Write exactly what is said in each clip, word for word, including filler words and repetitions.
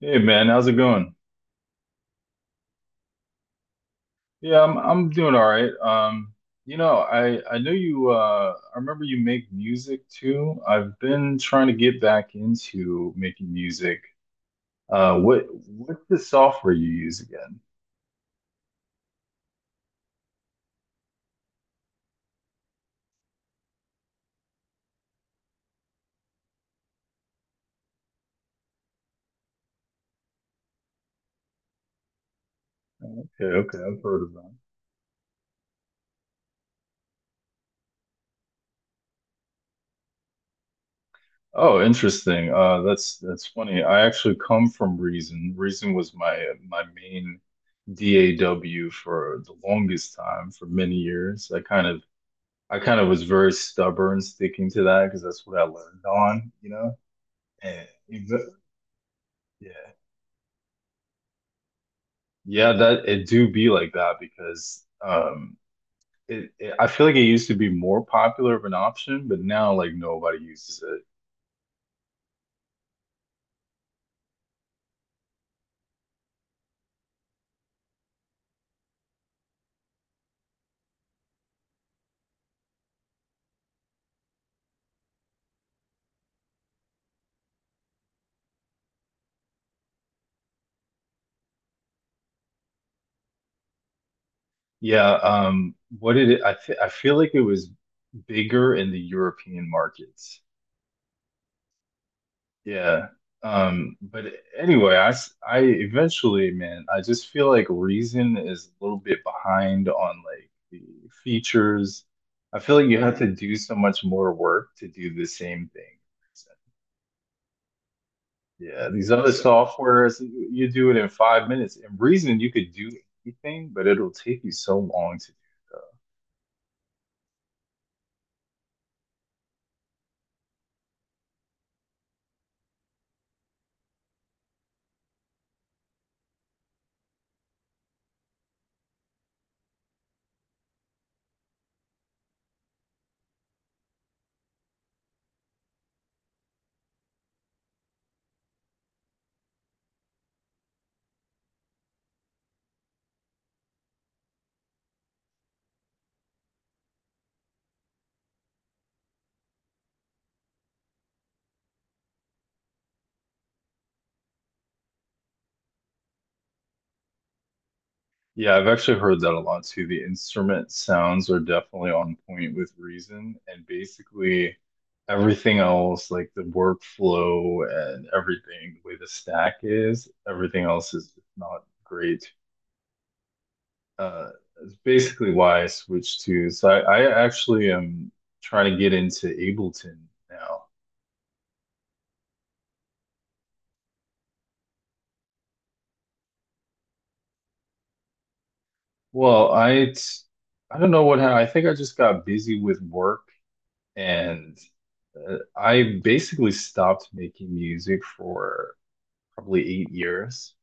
Hey man, how's it going? Yeah, I'm I'm doing all right. Um, you know, I I know you uh I remember you make music too. I've been trying to get back into making music. Uh what what's the software you use again? Okay, okay, I've heard of that. Oh, interesting. Uh that's that's funny. I actually come from Reason. Reason was my my main D A W for the longest time, for many years. I kind of I kind of was very stubborn sticking to that because that's what I learned on, you know? And even- yeah. Yeah, that it do be like that because um it, it I feel like it used to be more popular of an option, but now like nobody uses it. Yeah, um what did it I th I feel like it was bigger in the European markets. Yeah. Um, but anyway, I, s- I eventually, man, I just feel like Reason is a little bit behind on like the features. I feel like you have to do so much more work to do the same thing. Yeah, these other softwares, you do it in five minutes. In Reason, you could do anything, but it'll take you so long to do. Yeah, I've actually heard that a lot too. The instrument sounds are definitely on point with Reason, and basically everything else, like the workflow and everything, the way the stack is, everything else is just not great. Uh, it's basically why I switched to. So I, I actually am trying to get into Ableton now. Well, I t- I don't know what happened. I think I just got busy with work and uh, I basically stopped making music for probably eight years.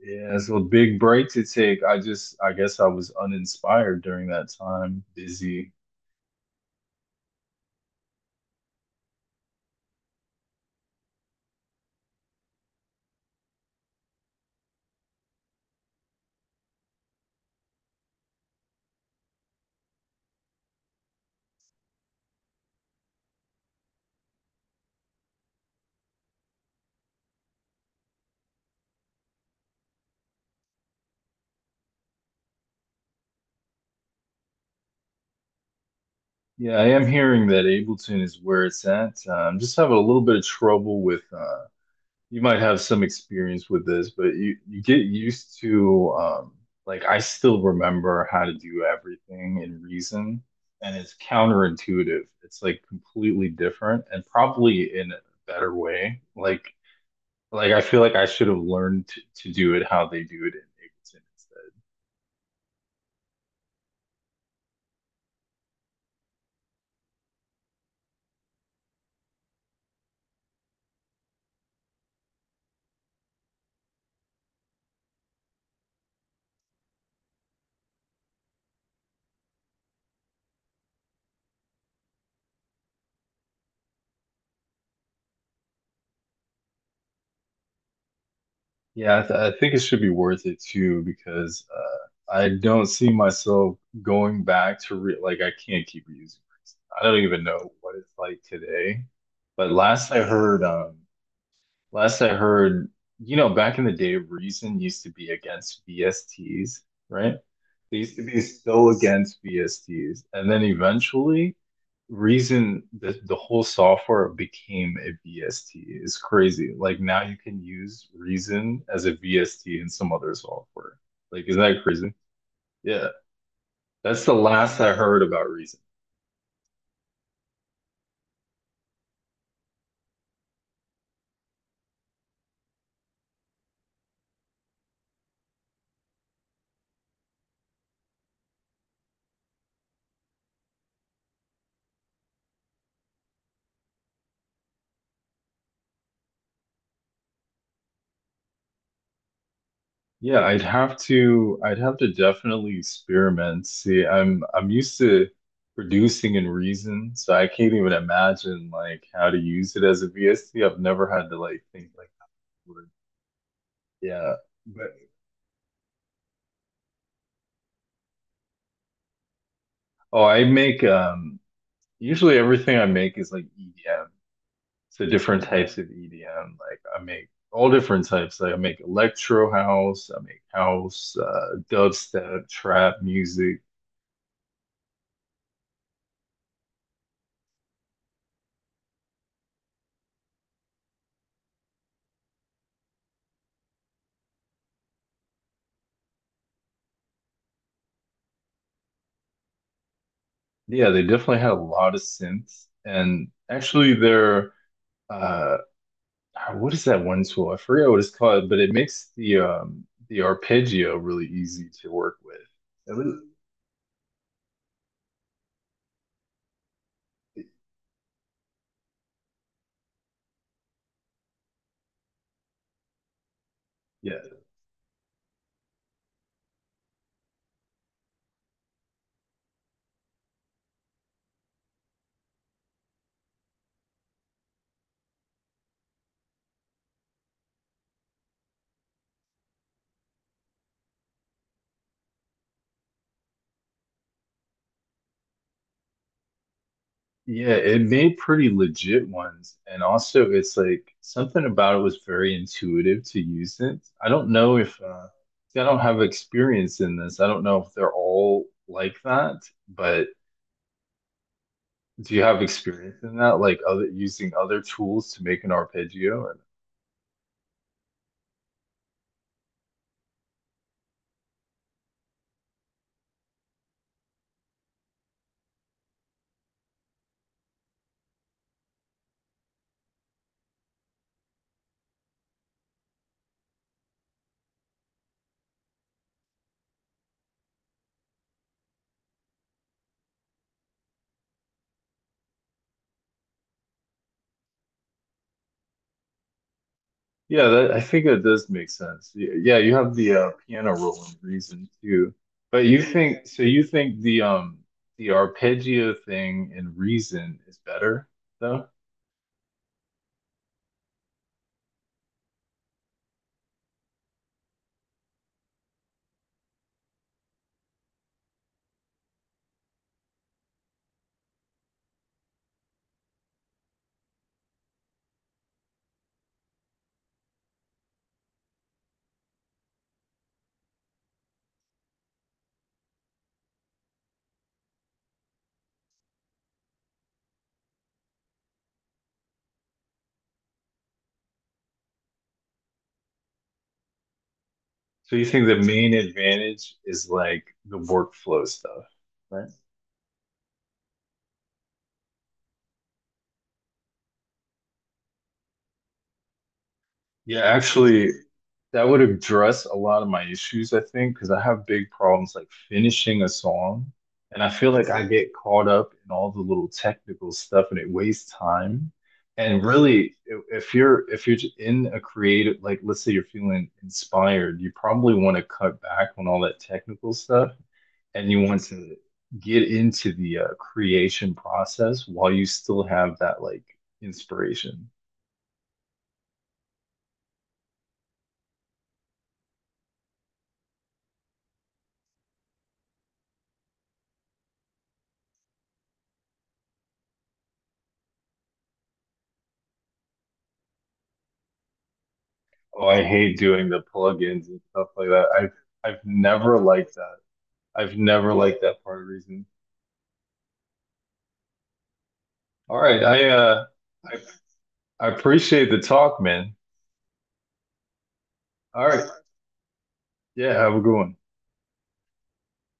Yeah, so a big break to take. I just, I guess I was uninspired during that time, busy. Yeah, I am hearing that Ableton is where it's at. Um, just having a little bit of trouble with uh, you might have some experience with this, but you you get used to um like I still remember how to do everything in Reason, and it's counterintuitive. It's like completely different and probably in a better way. Like like I feel like I should have learned to, to do it how they do it in Ableton. Yeah, I, th I think it should be worth it too because uh, I don't see myself going back to re like I can't keep reusing. Resin. I don't even know what it's like today, but last I heard, um, last I heard, you know, back in the day, Reason used to be against V S Ts, right? They used to be so against V S Ts. And then eventually, Reason, the, the whole software became a V S T. It's crazy. Like now you can use Reason as a V S T in some other software. Like, isn't that crazy? Yeah. That's the last I heard about Reason. Yeah, I'd have to I'd have to definitely experiment. See, I'm I'm used to producing in Reason, so I can't even imagine like how to use it as a V S T. I've never had to like think like that word. Yeah. But oh, I make um usually everything I make is like EDM. So different types of EDM. Like I make all different types. Like I make electro house, I make house, uh dubstep, trap music. Yeah, they definitely had a lot of synths, and actually, their uh, uh, what is that one tool? I forget what it's called, but it makes the um the arpeggio really easy to work with. It was, yeah, yeah, it made pretty legit ones, and also it's like something about it was very intuitive to use it. I don't know if uh, see, I don't have experience in this. I don't know if they're all like that, but do you have experience in that, like other using other tools to make an arpeggio? Or... Yeah, that, I think that does make sense. Y- Yeah, you have the uh, piano role in reason too, but you think so? You think the um the arpeggio thing in reason is better though? So you think the main advantage is like the workflow stuff, right? Yeah, actually, that would address a lot of my issues, I think, because I have big problems like finishing a song. And I feel like I get caught up in all the little technical stuff and it wastes time. And really, i- if you're if you're j- in a creative, like let's say you're feeling inspired, you probably want to cut back on all that technical stuff and you want to get into the uh, creation process while you still have that like inspiration. Oh, I hate doing the plugins and stuff like that. I've I've never liked that. I've never liked that part of reason. All right, I uh I, I appreciate the talk, man. All right. Yeah, have a good one.